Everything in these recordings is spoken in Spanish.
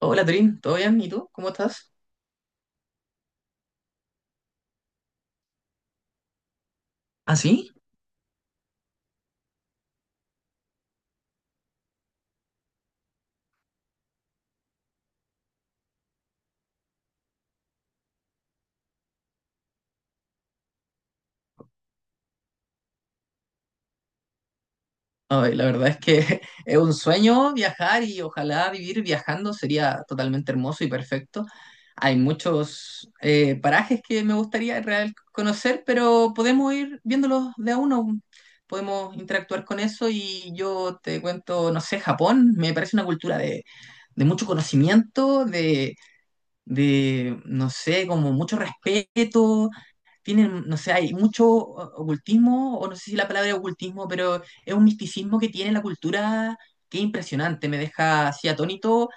Hola Trin, ¿todo bien? ¿Y tú? ¿Cómo estás? ¿Ah, sí? Ay, la verdad es que es un sueño viajar y ojalá vivir viajando sería totalmente hermoso y perfecto. Hay muchos parajes que me gustaría en real conocer, pero podemos ir viéndolos de a uno. Podemos interactuar con eso y yo te cuento, no sé, Japón me parece una cultura de mucho conocimiento, de, no sé, como mucho respeto tienen, no sé, hay mucho ocultismo, o no sé si la palabra es ocultismo, pero es un misticismo que tiene la cultura que es impresionante. Me deja así atónito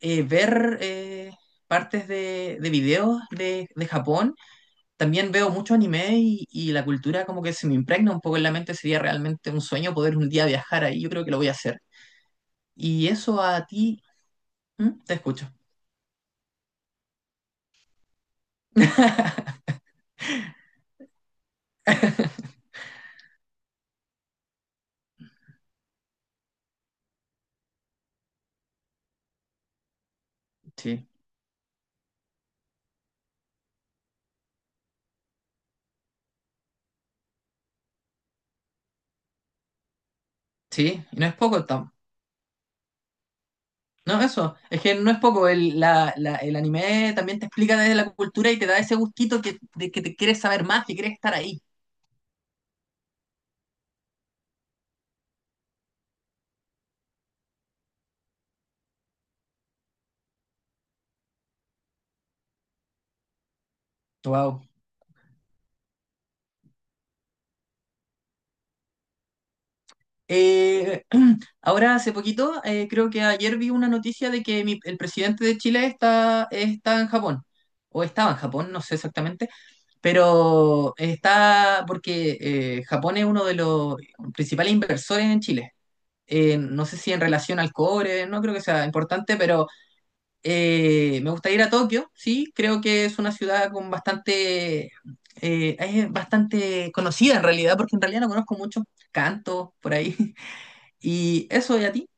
ver partes de videos de Japón. También veo mucho anime y la cultura como que se me impregna un poco en la mente. Sería realmente un sueño poder un día viajar ahí. Yo creo que lo voy a hacer. Y eso a ti, ¿Mm? Te escucho. Sí, sí, y no es poco, tam- No, eso, es que no es poco, el, la- la- el anime también te explica desde la cultura y te da ese gustito que, de que te quieres saber más, que quieres estar ahí. Wow. Eh, ahora, hace poquito, creo que ayer vi una noticia de que mi- el presidente de Chile está, está en Japón, o estaba en Japón, no sé exactamente, pero está, porque Japón es uno de los principales inversores en Chile. No sé si en relación al cobre, no creo que sea importante, pero me gusta ir a Tokio, sí, creo que es una ciudad con bastante, es bastante conocida en realidad, porque en realidad no conozco mucho, canto por ahí. Y eso, ¿y a ti?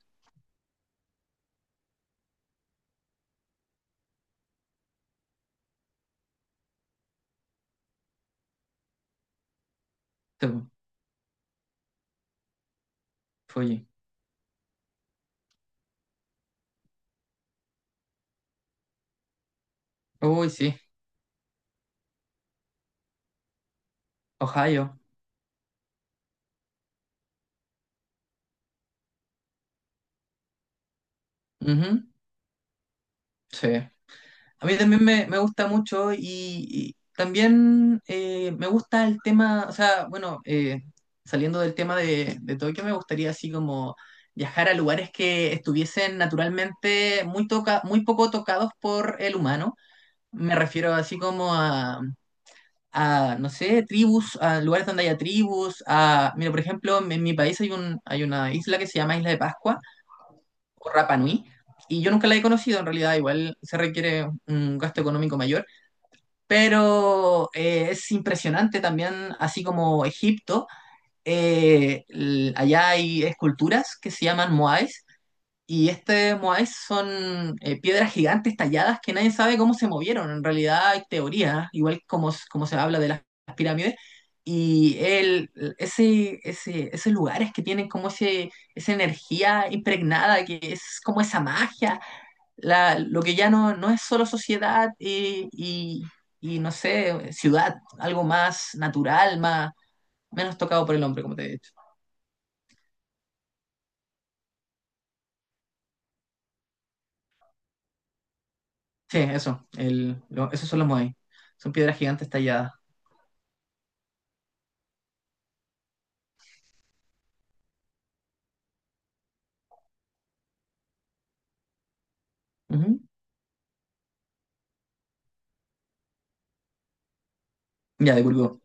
Oye, uy, sí, Ohio. Ujú. Sí. A mí también me gusta mucho y también me gusta el tema, o sea, bueno, saliendo del tema de Tokio, me gustaría así como viajar a lugares que estuviesen naturalmente muy, toca, muy poco tocados por el humano. Me refiero así como a, no sé, tribus, a lugares donde haya tribus, a, mira, por ejemplo, en mi país hay un, hay una isla que se llama Isla de Pascua o Rapa Nui. Y yo nunca la he conocido, en realidad, igual se requiere un gasto económico mayor, pero es impresionante también, así como Egipto, allá hay esculturas que se llaman moais, y este Moai son piedras gigantes talladas que nadie sabe cómo se movieron. En realidad hay teorías, igual como, s- como se habla de las pirámides. Y el, ese, esos lugares que tienen como ese, esa energía impregnada, que es como esa magia, la, lo que ya no, no es solo sociedad y, no sé, ciudad, algo más natural, más, menos tocado por el hombre, como te he dicho. Sí, eso, el, lo- esos son los Moai. Son piedras gigantes talladas. Ujú. Ya, de Curicó.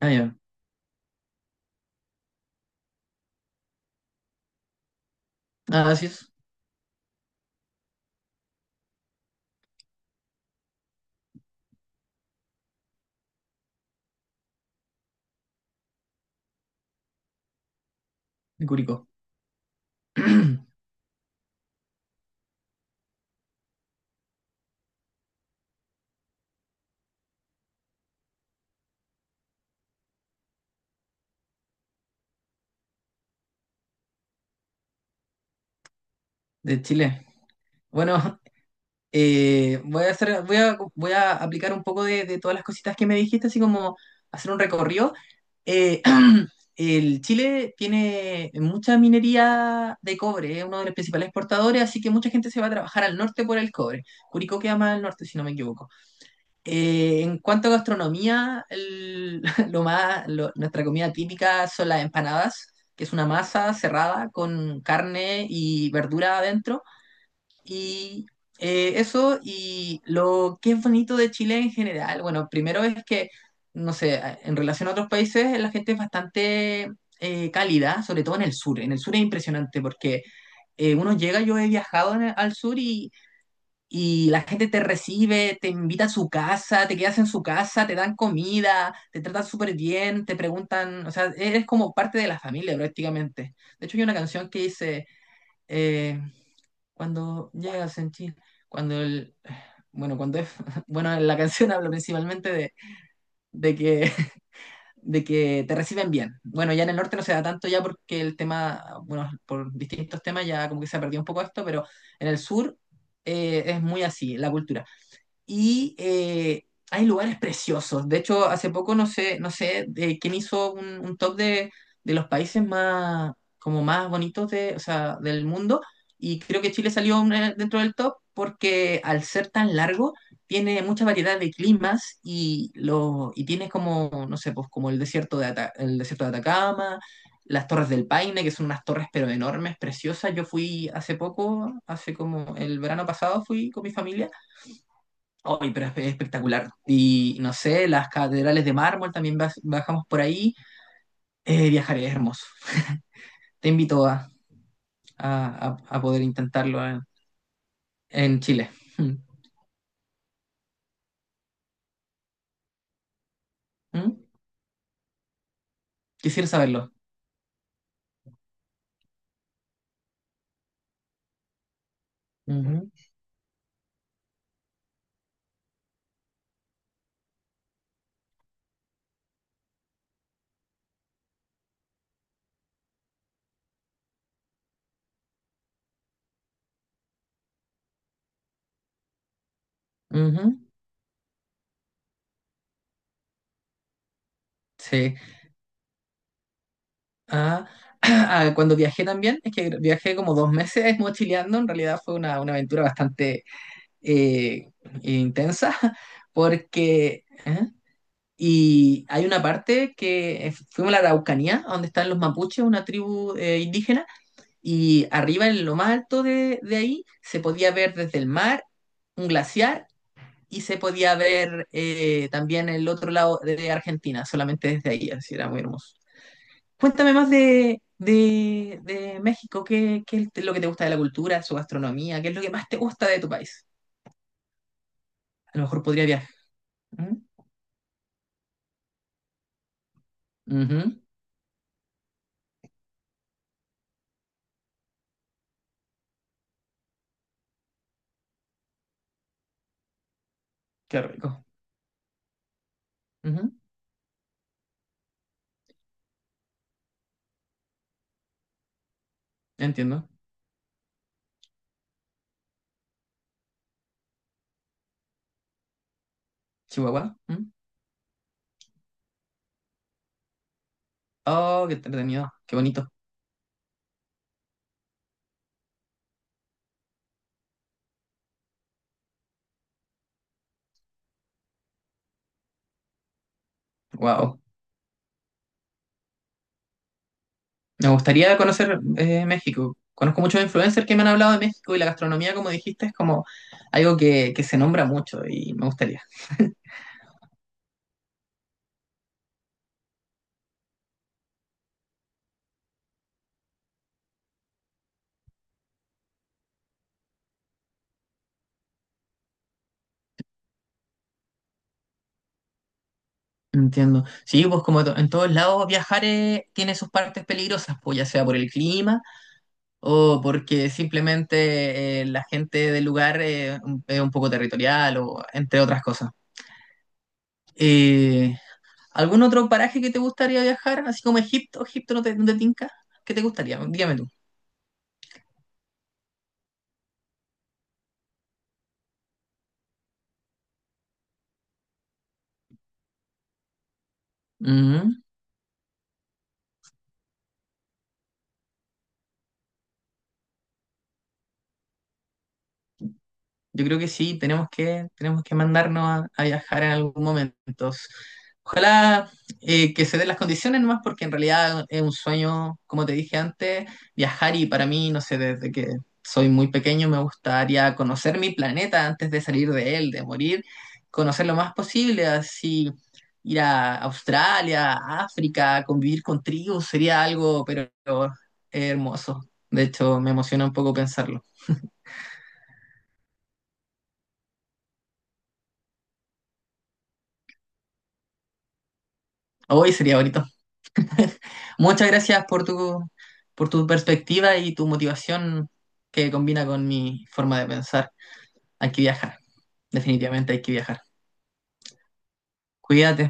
Ah, ya. Ah, así es, de Curicó. De Chile. Bueno, voy a hacer, voy a aplicar un poco de todas las cositas que me dijiste, así como hacer un recorrido. Eh, el Chile tiene mucha minería de cobre, es uno de los principales exportadores, así que mucha gente se va a trabajar al norte por el cobre. Curicó queda más al norte, si no me equivoco. En cuanto a gastronomía, el- lo más, lo- nuestra comida típica son las empanadas, que es una masa cerrada con carne y verdura adentro. Y eso, y lo que es bonito de Chile en general, bueno, primero es que, no sé, en relación a otros países, la gente es bastante cálida, sobre todo en el sur. En el sur es impresionante porque uno llega, yo he viajado en el- al sur y la gente te recibe, te invita a su casa, te quedas en su casa, te dan comida, te tratan súper bien, te preguntan, o sea, eres como parte de la familia prácticamente. De hecho, hay una canción que dice, eh, cuando llegas en Chile, cuando el... Bueno, cuando es, bueno, la canción habla principalmente de que, de que te reciben bien. Bueno, ya en el norte no se da tanto ya porque el tema, bueno, por distintos temas ya como que se ha perdido un poco esto, pero en el sur es muy así, la cultura y eh, hay lugares preciosos. De hecho, hace poco no sé, no sé quién hizo un top de los países más, como más bonitos de, o sea, del mundo y creo que Chile salió un- dentro del top porque al ser tan largo tiene mucha variedad de climas y, lo, y tiene como, no sé, pues como el desierto de, Ata- el desierto de Atacama. Las Torres del Paine, que son unas torres pero enormes, preciosas. Yo fui hace poco, hace como el verano pasado, fui con mi familia hoy, pero es espectacular. Y no sé, las catedrales de mármol también baj- bajamos por ahí. Viajar es hermoso. Te invito a poder intentarlo en Chile. Mm, mm, quisiera saberlo. Ujú, ujú, sí. Ah, ah, cuando viajé también, es que viajé como dos meses mochileando. En realidad fue una aventura bastante eh, intensa porque... ¿eh? Y hay una parte que fuimos a la Araucanía, donde están los mapuches, una tribu indígena, y arriba en lo más alto de ahí se podía ver desde el mar un glaciar y se podía ver también el otro lado de Argentina, solamente desde ahí, así era muy hermoso. Cuéntame más de México, ¿qué, qué es lo que te gusta de la cultura, su gastronomía? ¿Qué es lo que más te gusta de tu país? A lo mejor podría viajar. Ujú, ujú, qué rico. Ujú. Entiendo. Chihuahua. ¿Mm? Oh, qué entretenido, qué bonito. Wow. Me gustaría conocer México. Conozco muchos influencers que me han hablado de México y la gastronomía, como dijiste, es como algo que se nombra mucho y me gustaría. Entiendo. Sí, pues como to- en todos lados viajar tiene sus partes peligrosas, pues ya sea por el clima o porque simplemente la gente del lugar es un poco territorial o entre otras cosas. Eh, ¿Algún otro paraje que te gustaría viajar? Así como Egipto, Egipto no te tinca. ¿Qué te gustaría? Dígame tú. Ujú. Yo creo que sí, tenemos que mandarnos a viajar en algún momento. Ojalá que se den las condiciones nomás, porque en realidad es un sueño, como te dije antes, viajar y para mí, no sé, desde que soy muy pequeño me gustaría conocer mi planeta antes de salir de él, de morir, conocer lo más posible, así ir a Australia, a África, convivir con tribus, sería algo, pero hermoso. De hecho, me emociona un poco pensarlo. Hoy sería bonito. Muchas gracias por tu perspectiva y tu motivación que combina con mi forma de pensar. Hay que viajar, definitivamente hay que viajar. Cuídate.